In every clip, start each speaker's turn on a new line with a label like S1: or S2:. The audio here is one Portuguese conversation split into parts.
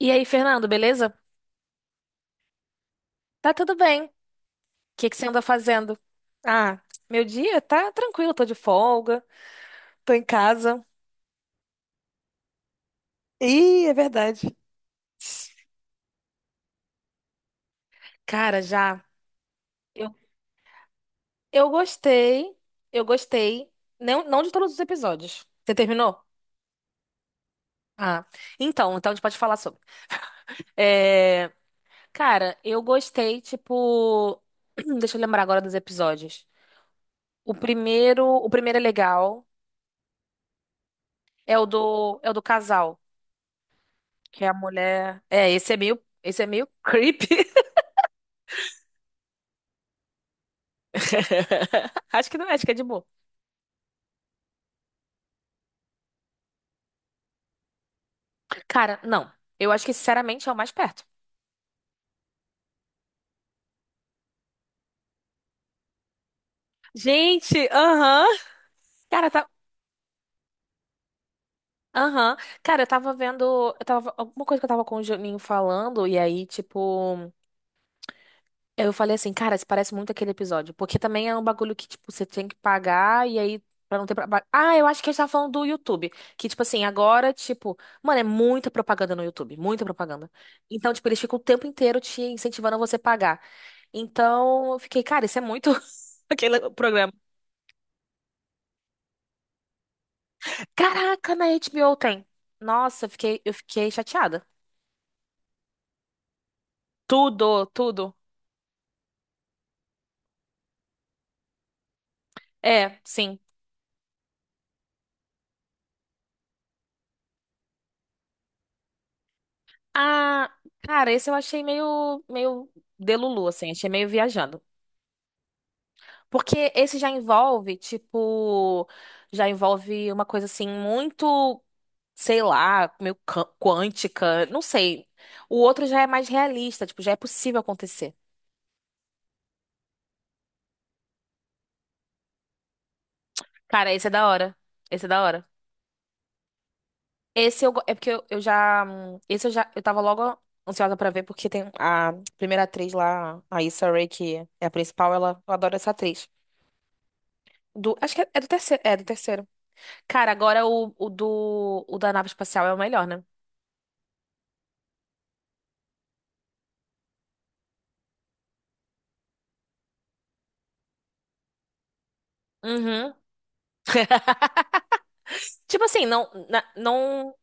S1: E aí, Fernando, beleza? Tá tudo bem. O que que você anda fazendo? Ah, meu dia tá tranquilo, tô de folga, tô em casa. Ih, é verdade. Cara, já. Eu, eu gostei, eu gostei. Não, não de todos os episódios. Você terminou? Ah, então a gente pode falar sobre. É, cara, eu gostei, tipo. Deixa eu lembrar agora dos episódios. O primeiro é legal, é o do casal. Que a mulher. É, esse é meio. Esse é meio creepy. Acho que não é, acho que é de boa. Cara, não. Eu acho que, sinceramente, é o mais perto. Gente, aham. Cara, tá. Aham. Cara, eu tava vendo. Eu tava... Alguma coisa que eu tava com o Juninho falando, e aí, tipo. Eu falei assim, cara, isso parece muito aquele episódio. Porque também é um bagulho que, tipo, você tem que pagar e aí, pra não ter... pra- Ah, eu acho que a gente tava falando do YouTube. Que, tipo assim, agora, tipo... Mano, é muita propaganda no YouTube. Muita propaganda. Então, tipo, eles ficam o tempo inteiro te incentivando a você pagar. Então, eu fiquei, cara, isso é muito... Aquele programa. Caraca, na HBO tem. Nossa, eu fiquei chateada. Tudo, tudo. É, sim. Ah, cara, esse eu achei meio delulu, assim. Achei meio viajando. Porque esse já envolve, tipo, já envolve uma coisa assim muito, sei lá, quântica, não sei. O outro já é mais realista, tipo, já é possível acontecer. Cara, esse é da hora. Esse é da hora. Esse eu, go- é porque eu já, eu tava logo ansiosa pra ver porque tem a primeira atriz lá, a Issa Rae, que é a principal, ela, eu adoro essa atriz. Do, acho que é, é do terceiro. Cara, agora o da nave espacial é o melhor, né? Uhum. Tipo assim, não.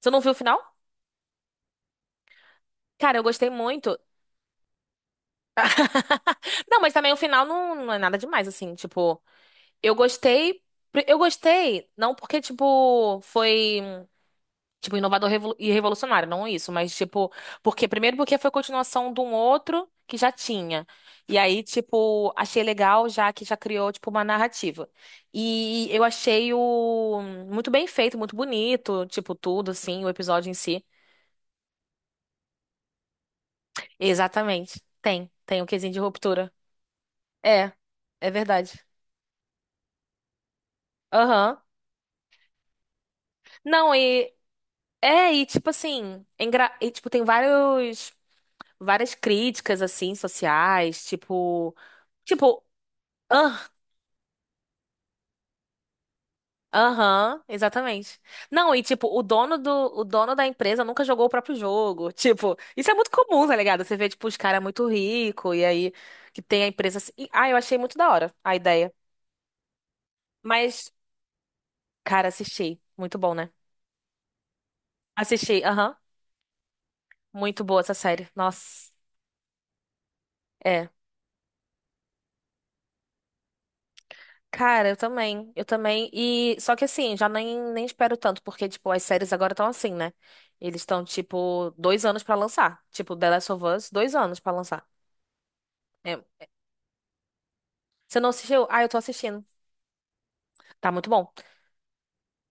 S1: Você não viu o final? Cara, eu gostei muito. Não, mas também o final não é nada demais, assim. Tipo, eu gostei. Eu gostei, não porque, tipo, foi, tipo, e revolucionário, não isso, mas, tipo, porque, primeiro porque foi continuação de um outro que já tinha. E aí, tipo, achei legal já que já criou, tipo, uma narrativa. E eu achei o muito bem feito, muito bonito, tipo, tudo, assim, o episódio em si. Exatamente. Tem. Tem o quesinho de ruptura. É, é verdade. Aham. Não, e tipo assim, é engra... e, tipo, tem vários várias críticas assim sociais, tipo, tipo, ah, aham, exatamente. Não, e tipo, o dono da empresa nunca jogou o próprio jogo. Tipo, isso é muito comum, tá ligado? Você vê tipo os caras muito rico e aí que tem a empresa assim. E, ah, eu achei muito da hora a ideia. Mas, cara, assisti. Muito bom, né? Assisti, aham. Muito boa essa série. Nossa. É. Cara, eu também. Eu também. E só que assim, já nem espero tanto, porque, tipo, as séries agora estão assim, né? Eles estão, tipo, dois anos pra lançar. Tipo, The Last of Us, dois anos pra lançar. É. Você não assistiu? Ah, eu tô assistindo. Tá muito bom.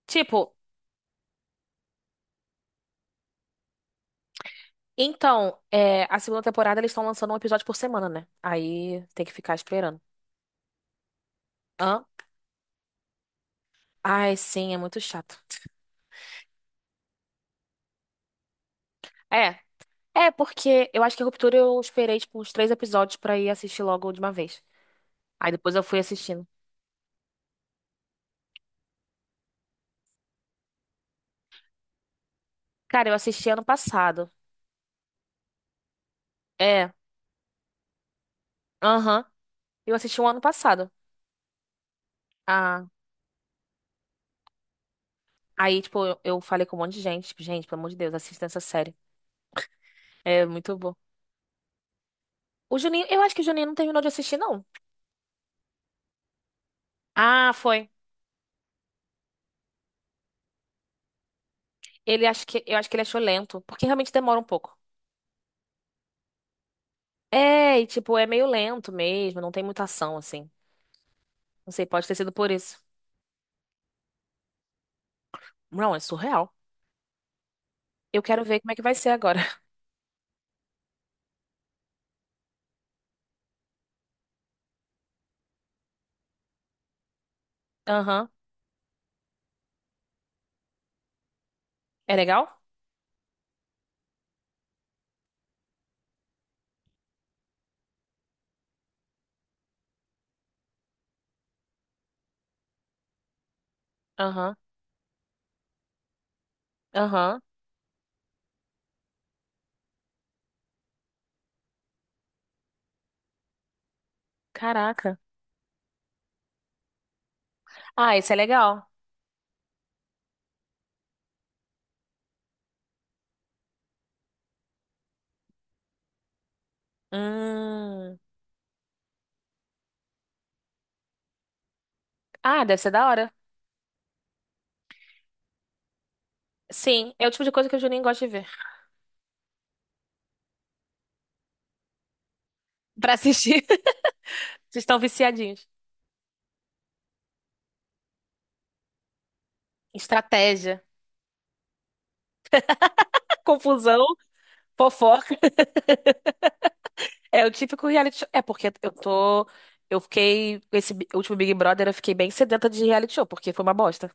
S1: Tipo, então, é, a segunda temporada eles estão lançando um episódio por semana, né? Aí tem que ficar esperando. Hã? Ai, sim, é muito chato. É. É, porque eu acho que a Ruptura eu esperei, tipo, uns três episódios pra ir assistir logo de uma vez. Aí depois eu fui assistindo. Cara, eu assisti ano passado. É, aham. Eu assisti um ano passado. Ah, aí, tipo, eu falei com um monte de gente. Tipo, gente, pelo amor de Deus, assista essa série. É muito bom. O Juninho, eu acho que o Juninho não terminou de assistir, não. Ah, foi. Eu acho que ele achou lento, porque realmente demora um pouco. É, e tipo, é meio lento mesmo, não tem muita ação, assim. Não sei, pode ter sido por isso. Não, é surreal. Eu quero ver como é que vai ser agora. Aham. É legal? Aham. Aham. Caraca. Ah, esse é legal. Hum. Ah, deve ser da hora. Sim, é o tipo de coisa que o Juninho gosta de ver. Pra assistir, vocês estão viciadinhos. Estratégia, confusão, fofoca. É o típico reality show. É porque eu tô. Eu fiquei. Último Big Brother, eu fiquei bem sedenta de reality show, porque foi uma bosta.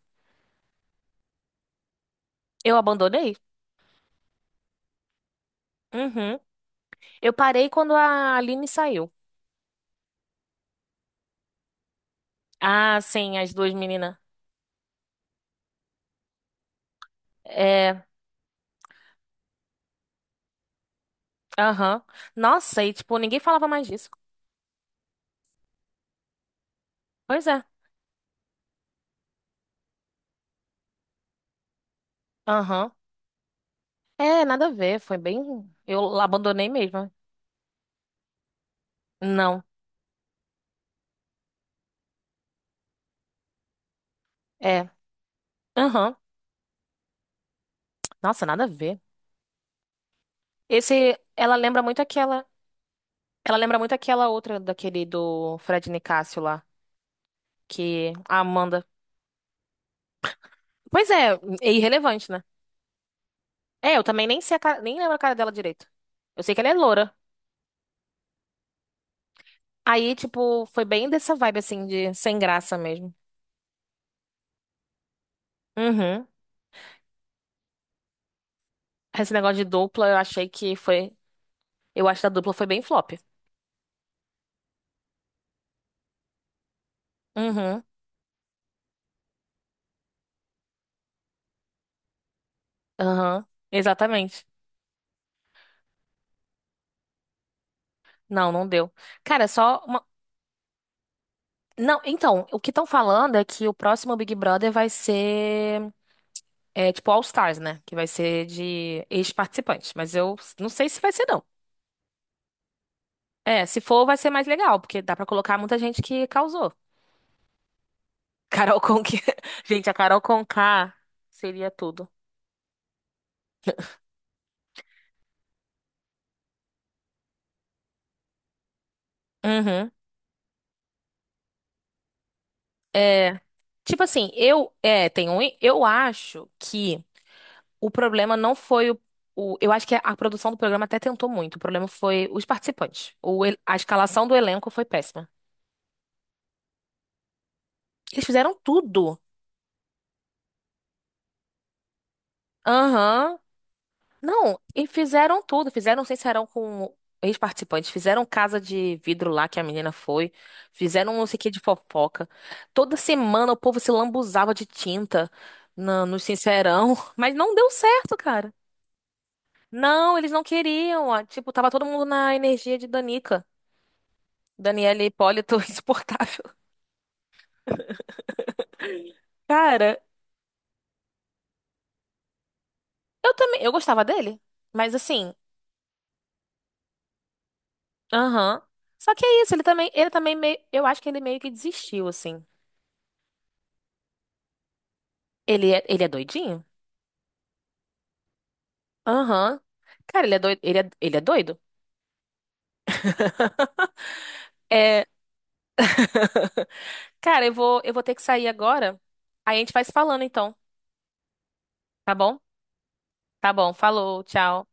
S1: Eu abandonei. Uhum. Eu parei quando a Aline saiu. Ah, sim, as duas meninas. É, aham. Nossa, e tipo, ninguém falava mais disso. Pois é. Aham. É, nada a ver, foi bem. Eu abandonei mesmo. Não. É. Aham. Nossa, nada a ver. Esse, ela lembra muito aquela outra daquele do Fred Nicásio lá, que a Amanda. Pois é, é irrelevante, né? É, eu também nem sei a cara, nem lembro a cara dela direito. Eu sei que ela é loura. Aí, tipo, foi bem dessa vibe assim de sem graça mesmo. Uhum. Esse negócio de dupla, eu acho que a dupla foi bem flop. Uhum. Aham. Exatamente. Não, não deu. Cara, só uma- Não, então, o que estão falando é que o próximo Big Brother vai ser, é, tipo All Stars, né? Que vai ser de ex-participantes. Mas eu não sei se vai ser, não. É, se for, vai ser mais legal, porque dá pra colocar muita gente que causou. Carol Conká. Gente, a Carol Conká seria tudo. Uhum. É, tipo assim, eu é, tem um, eu acho que o problema não foi o- eu acho que a produção do programa até tentou muito. O problema foi os participantes. A escalação do elenco foi péssima. Eles fizeram tudo. Aham. Não, e fizeram tudo. Fizeram um sincerão com ex-participantes. Fizeram casa de vidro lá que a menina foi. Fizeram um não sei o que de fofoca. Toda semana o povo se lambuzava de tinta no sincerão. Mas não deu certo, cara. Não, eles não queriam. Ó. Tipo, tava todo mundo na energia de Danica. Daniela Hipólito, insuportável. Cara, eu também. Eu gostava dele. Mas assim. Aham. Só que é isso, ele também meio, eu acho que ele meio que desistiu, assim. Ele é doidinho? Aham. Cara, ele é doido, ele é doido? É. Cara, eu vou ter que sair agora. Aí a gente vai se falando, então. Tá bom? Tá bom, falou, tchau.